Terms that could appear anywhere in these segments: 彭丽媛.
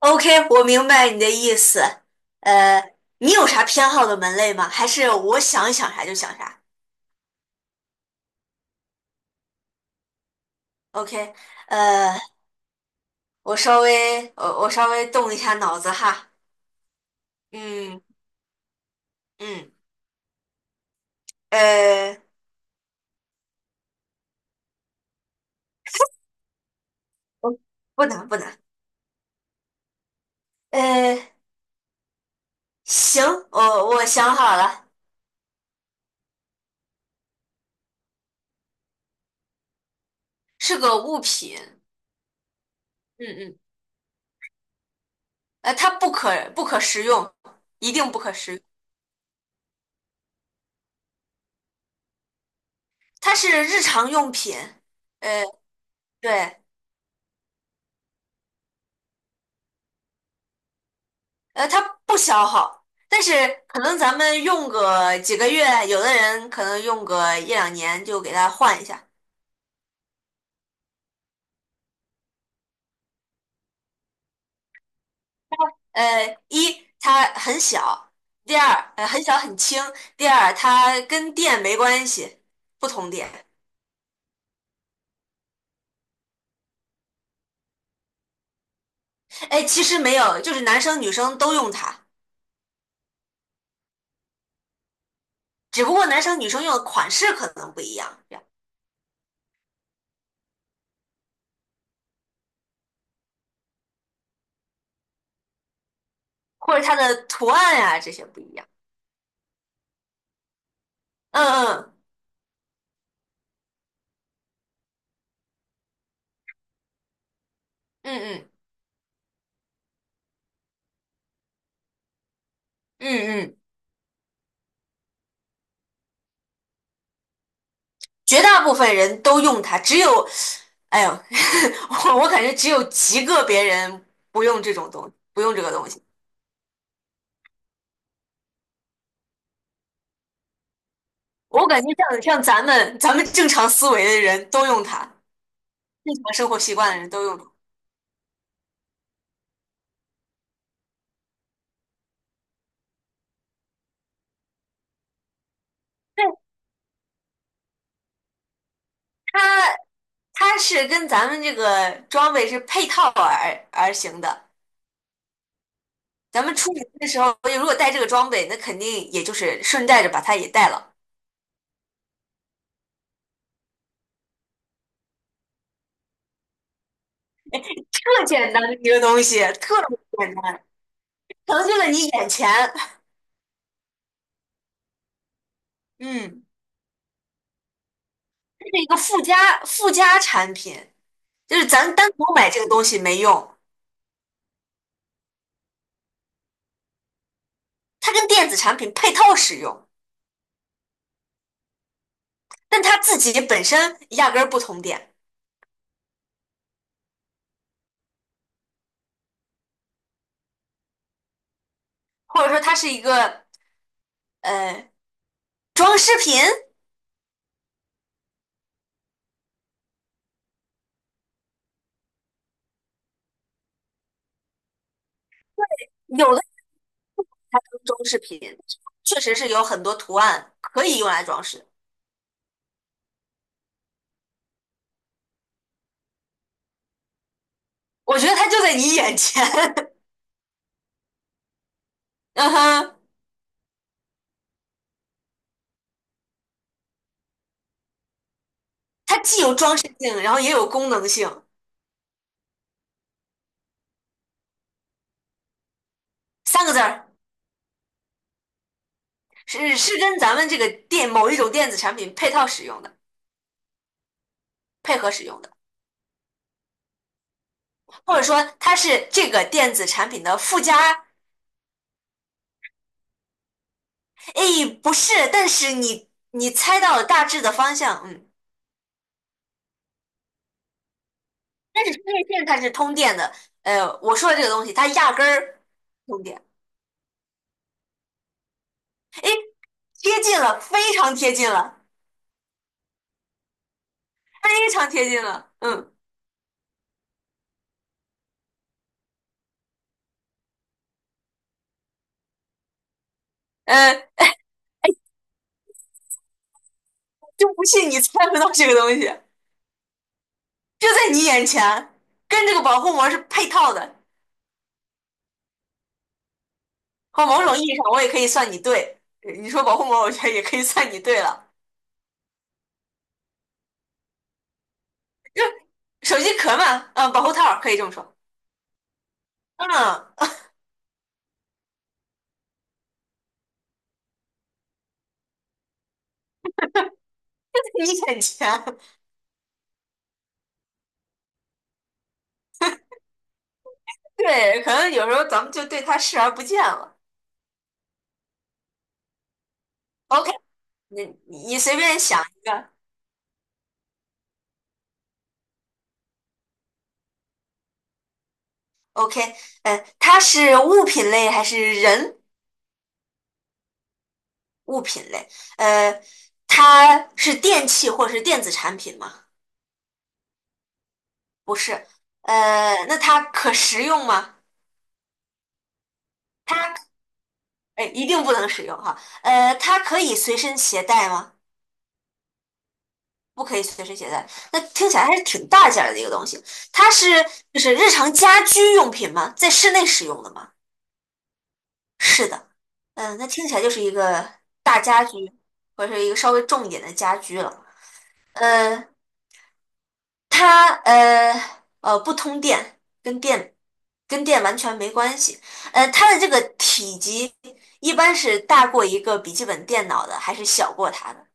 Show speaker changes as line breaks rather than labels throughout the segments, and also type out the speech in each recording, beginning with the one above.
OK，我明白你的意思。你有啥偏好的门类吗？还是我想想啥就想啥？OK，呃，我稍微动一下脑子哈。嗯嗯，呃，我不难不难。呃，行，我想好了，是个物品。嗯嗯，它不可食用，一定不可食用。它是日常用品。呃，对。它不消耗，但是可能咱们用个几个月，有的人可能用个一两年就给它换一下。一它很小，第二很小很轻，第二它跟电没关系，不通电。哎，其实没有，就是男生女生都用它，只不过男生女生用的款式可能不一样，这样或者它的图案呀、这些不一样。嗯嗯嗯嗯嗯嗯嗯。绝大部分人都用它，只有，哎呦，我感觉只有极个别人不用这种东西，不用这个东西。我感觉像咱们正常思维的人都用它，正常生活习惯的人都用它。对，它它是跟咱们这个装备是配套而行的。咱们出门的时候，如果带这个装备，那肯定也就是顺带着把它也带了。特简单的一个东西，特别简单，成就了你眼前。嗯。是一个附加产品，就是咱单独买这个东西没用，它跟电子产品配套使用，但它自己本身压根儿不通电，或者说它是一个呃装饰品，有的它是装饰品，确实是有很多图案可以用来装饰，我觉得它就在你眼前，嗯哼，它既有装饰性，然后也有功能性，三个字儿是跟咱们这个某一种电子产品配套使用的，配合使用的。或者说它是这个电子产品的附加？诶，不是，但是你猜到了大致的方向，嗯，但是充电线它是通电的，我说的这个东西它压根儿通电，诶，贴近了，非常贴近了，非常贴近了，嗯，呃，就不信你猜不到这个东西，就在你眼前，跟这个保护膜是配套的，或某种意义上我也可以算你对，你说保护膜，我觉得也可以算你对了，手机壳嘛，嗯，保护套儿可以这么说，嗯。你眼前对，可能有时候咱们就对他视而不见了。OK，你随便想一个。OK，它是物品类还是物品类？呃，它是电器或是电子产品吗？不是。那它可食用吗？哎，一定不能使用哈。它可以随身携带吗？不可以随身携带。那听起来还是挺大件儿的一个东西。它是就是日常家居用品吗？在室内使用的吗？是的，嗯，那听起来就是一个大家居，或者是一个稍微重一点的家居了。呃，它不通电，跟电完全没关系。它的这个体积一般是大过一个笔记本电脑的，还是小过它的？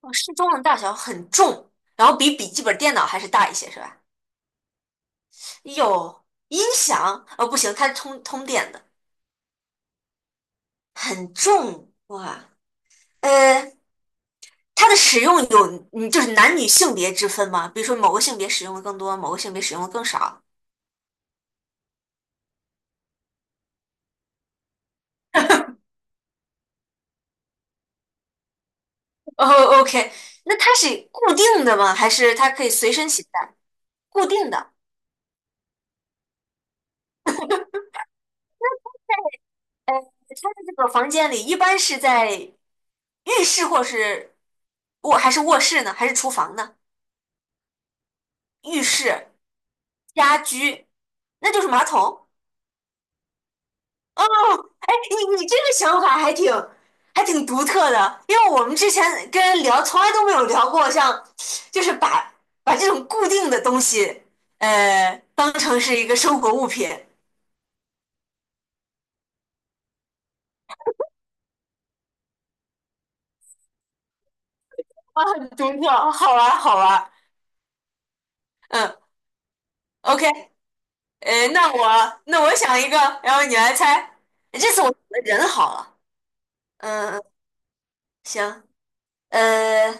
哦，适中的大小很重，然后比笔记本电脑还是大一些，是吧？有音响？哦，不行，它是通电的，很重哇。呃，它的使用有就是男女性别之分吗？比如说某个性别使用的更多，某个性别使用的更少。哦，OK，那它是固定的吗？还是它可以随身携带？固定的。它的这个房间里一般是在浴室或是卧室呢？还是厨房呢？浴室、家居，那就是马桶。哦，哎，你这个想法还挺独特的，因为我们之前跟人聊，从来都没有聊过像，就是把这种固定的东西，当成是一个生活物品。啊，很独特，好玩好玩嗯，OK，那我想一个，然后你来猜。这次我想的人好了，嗯，嗯行，呃，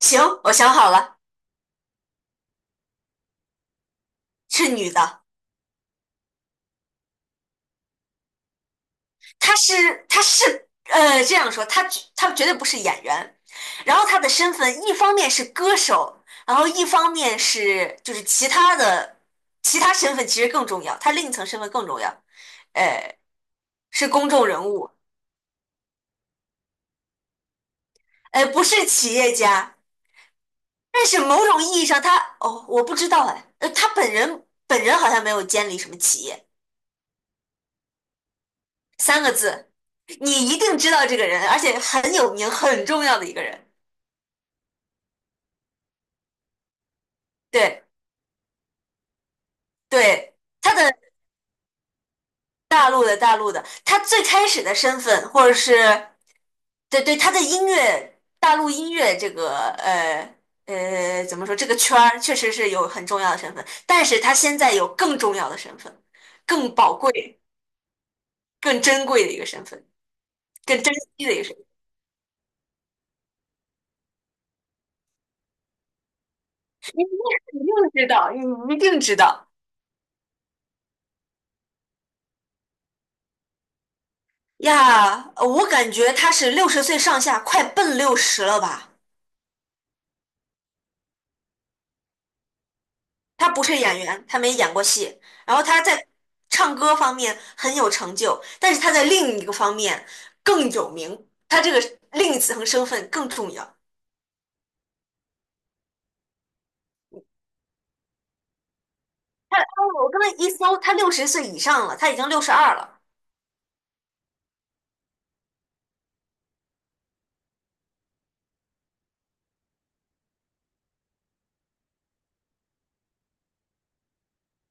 行，我想好了，是女的。他是他是呃这样说，他绝对不是演员，然后他的身份一方面是歌手，然后一方面就是其他身份其实更重要，他另一层身份更重要，呃，是公众人物，不是企业家，但是某种意义上他我不知道哎，他本人好像没有监理什么企业，三个字，你一定知道这个人，而且很有名很重要的一个人，对对。他的大陆的大陆的，他最开始的身份，或者是对对他的音乐，大陆音乐这个怎么说这个圈儿，确实是有很重要的身份，但是他现在有更重要的身份，更宝贵、更珍贵的一个身份，更珍惜的一个身份，你一定知道，你一定知道呀！我感觉他是六十岁上下，快奔六十了吧。他不是演员，他没演过戏。然后他在唱歌方面很有成就，但是他在另一个方面更有名，他这个另一层身份更重要。他我刚才一搜，他六十岁以上了，他已经62了。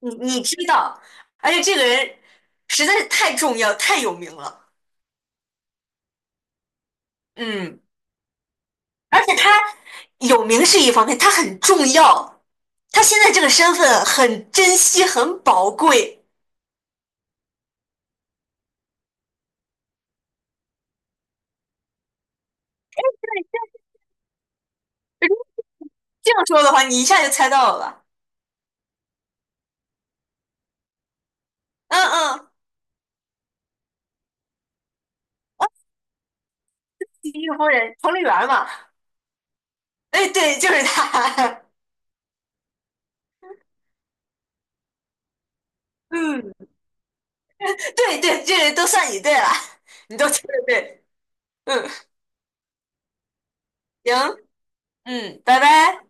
你知道，而且这个人实在是太重要、太有名了。嗯，而且他有名是一方面，他很重要，他现在这个身份很珍惜、很宝贵。这样说的话，你一下就猜到了吧？嗯嗯。西域夫人彭丽媛嘛，哎，对，就是她，嗯，对对，这都算你对了，你都对对，嗯，行，嗯，拜拜。